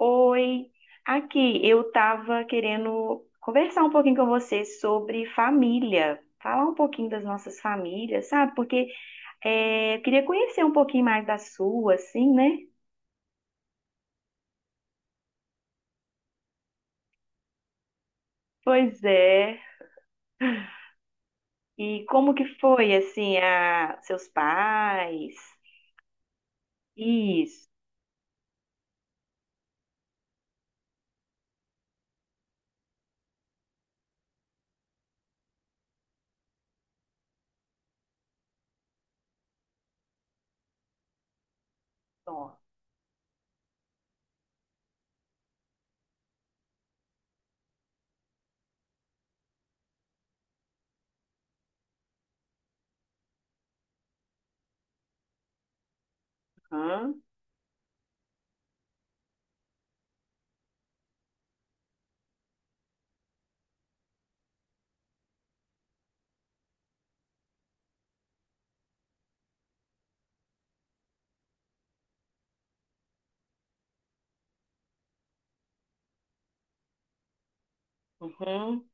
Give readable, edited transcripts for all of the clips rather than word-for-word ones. Oi, aqui eu estava querendo conversar um pouquinho com você sobre família, falar um pouquinho das nossas famílias, sabe? Porque eu queria conhecer um pouquinho mais da sua, assim, né? Pois é. E como que foi, assim, a seus pais? Isso. Ó, aham, uhum,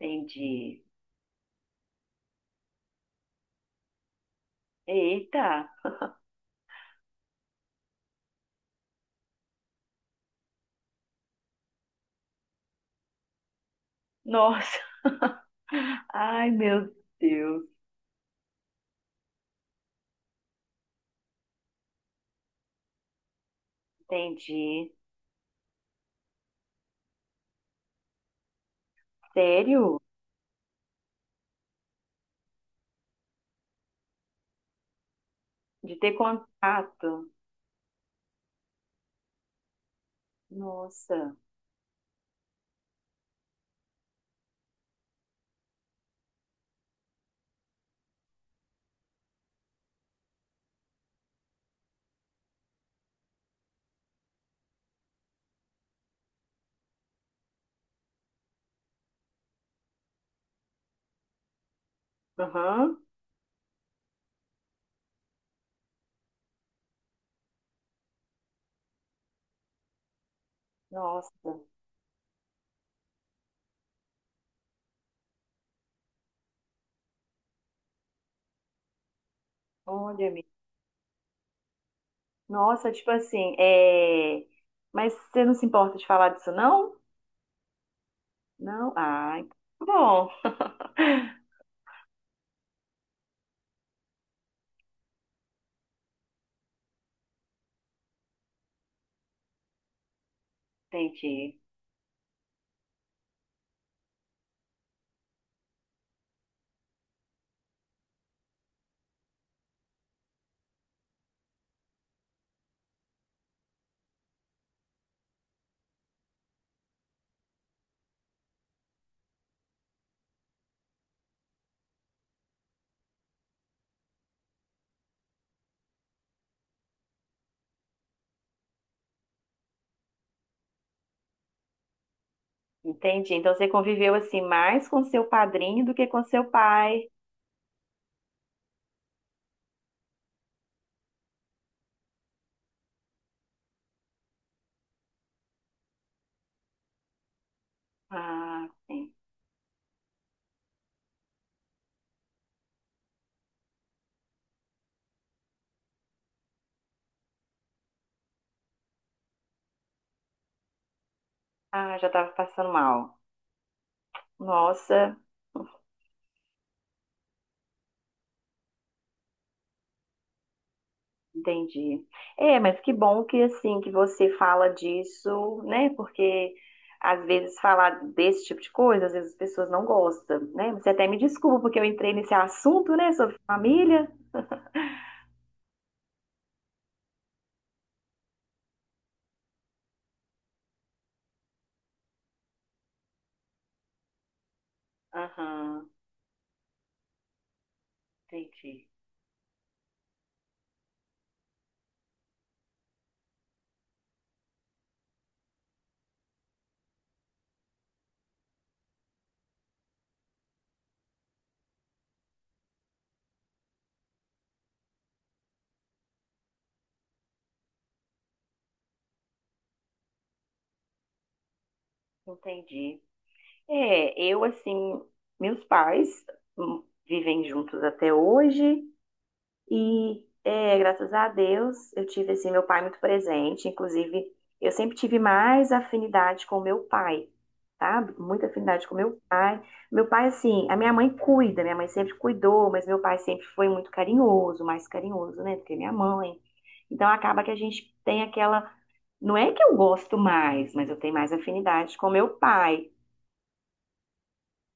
entendi. Eita, nossa, ai meu Deus, entendi. Sério? De ter contato? Nossa, aham. Nossa, olha, amiga. Nossa, tipo assim, mas você não se importa de falar disso, não? Não? Ah, então tá bom, entendi. Entendi. Então você conviveu assim mais com seu padrinho do que com seu pai. Ah, sim. Ah, já tava passando mal. Nossa. Entendi. É, mas que bom que assim que você fala disso, né? Porque às vezes falar desse tipo de coisa, às vezes as pessoas não gostam, né? Você até me desculpa porque eu entrei nesse assunto, né, sobre família. Aham, entendi. Entendi. É, eu assim, meus pais vivem juntos até hoje. E é, graças a Deus, eu tive assim meu pai muito presente, inclusive eu sempre tive mais afinidade com meu pai, tá? Muita afinidade com meu pai. Meu pai assim, a minha mãe cuida, minha mãe sempre cuidou, mas meu pai sempre foi muito carinhoso, mais carinhoso, né, do que minha mãe. Então acaba que a gente tem aquela, não é que eu gosto mais, mas eu tenho mais afinidade com meu pai.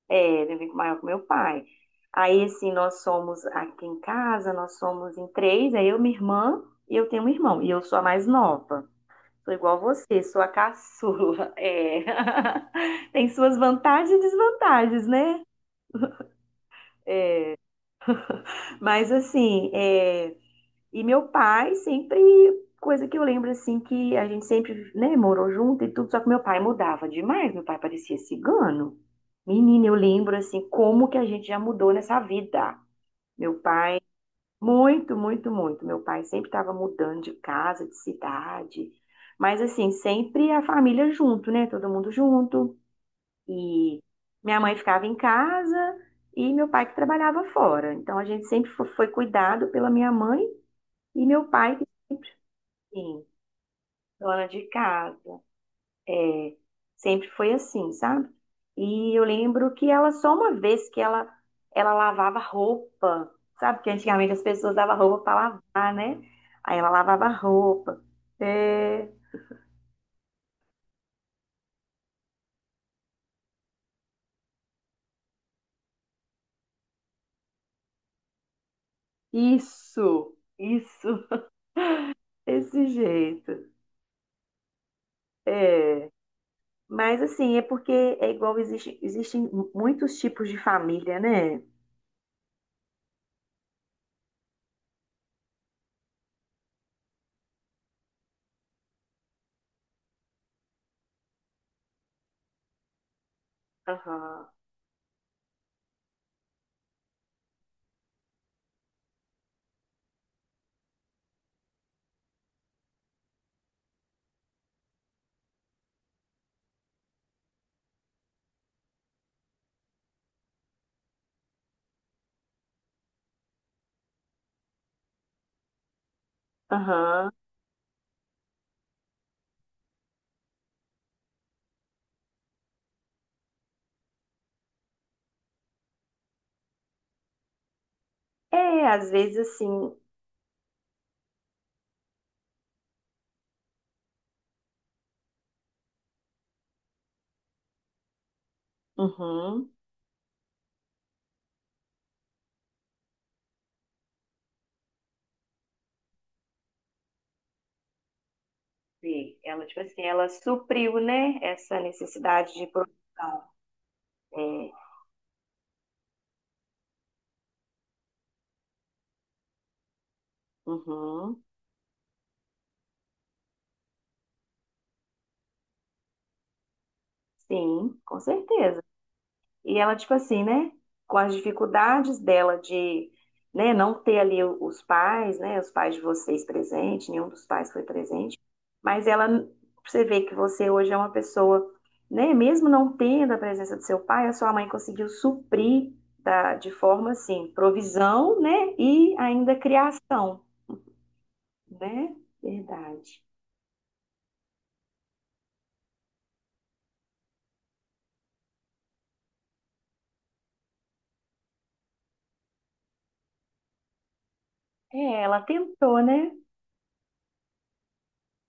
É, eu vivo maior com meu pai. Aí, assim, nós somos aqui em casa, nós somos em três, é eu, minha irmã e eu tenho um irmão. E eu sou a mais nova. Sou igual você, sou a caçula. É. Tem suas vantagens e desvantagens, né? Mas, assim, e meu pai sempre, coisa que eu lembro, assim, que a gente sempre, né, morou junto e tudo, só que meu pai mudava demais, meu pai parecia cigano. Menina, eu lembro, assim, como que a gente já mudou nessa vida. Meu pai muito, muito, muito. Meu pai sempre estava mudando de casa, de cidade, mas assim, sempre a família junto, né? Todo mundo junto. E minha mãe ficava em casa e meu pai que trabalhava fora. Então a gente sempre foi cuidado pela minha mãe e meu pai que sempre, assim, dona de casa. É, sempre foi assim, sabe? E eu lembro que ela, só uma vez que ela lavava roupa, sabe? Porque antigamente as pessoas davam roupa para lavar, né? Aí ela lavava roupa. É, isso, desse jeito. É. Mas assim, é porque é igual, existe, existem muitos tipos de família, né? Aham, aham. É, às vezes assim. Uhum. Sim, ela, tipo assim, ela supriu, né, essa necessidade de produção. É, uhum, sim, com certeza. E ela, tipo assim, né, com as dificuldades dela de, né, não ter ali os pais, né, os pais de vocês presentes, nenhum dos pais foi presente, mas ela, você vê que você hoje é uma pessoa, né, mesmo não tendo a presença do seu pai, a sua mãe conseguiu suprir da, de forma, assim, provisão, né, e ainda criação. Né? Verdade. É, ela tentou, né?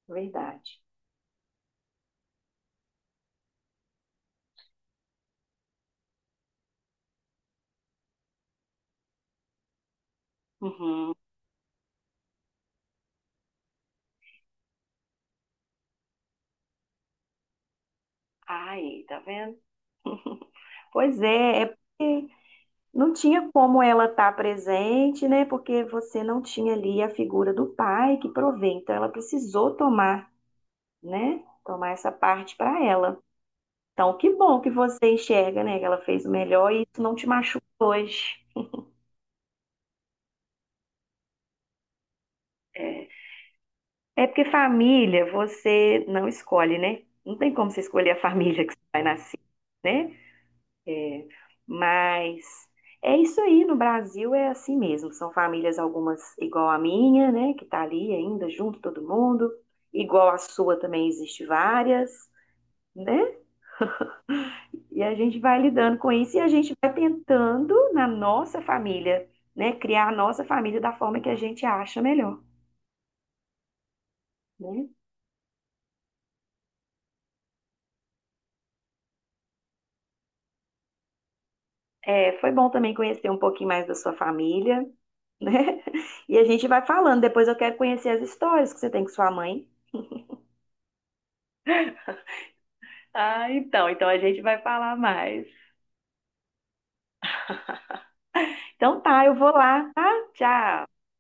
Verdade. Uhum. Aí, tá vendo? Pois é, é porque não tinha como ela estar presente, né? Porque você não tinha ali a figura do pai que provê. Então, ela precisou tomar, né? Tomar essa parte para ela. Então, que bom que você enxerga, né? Que ela fez o melhor e isso não te machuca hoje. É, é porque família você não escolhe, né? Não tem como você escolher a família que você vai nascer, né? É, mas é isso aí, no Brasil é assim mesmo. São famílias, algumas igual a minha, né, que tá ali ainda junto todo mundo, igual a sua também existe várias, né? E a gente vai lidando com isso e a gente vai tentando na nossa família, né, criar a nossa família da forma que a gente acha melhor, né? É, foi bom também conhecer um pouquinho mais da sua família, né? E a gente vai falando. Depois eu quero conhecer as histórias que você tem com sua mãe. Ah, então, então a gente vai falar mais. Então tá, eu vou lá, tá? Tchau.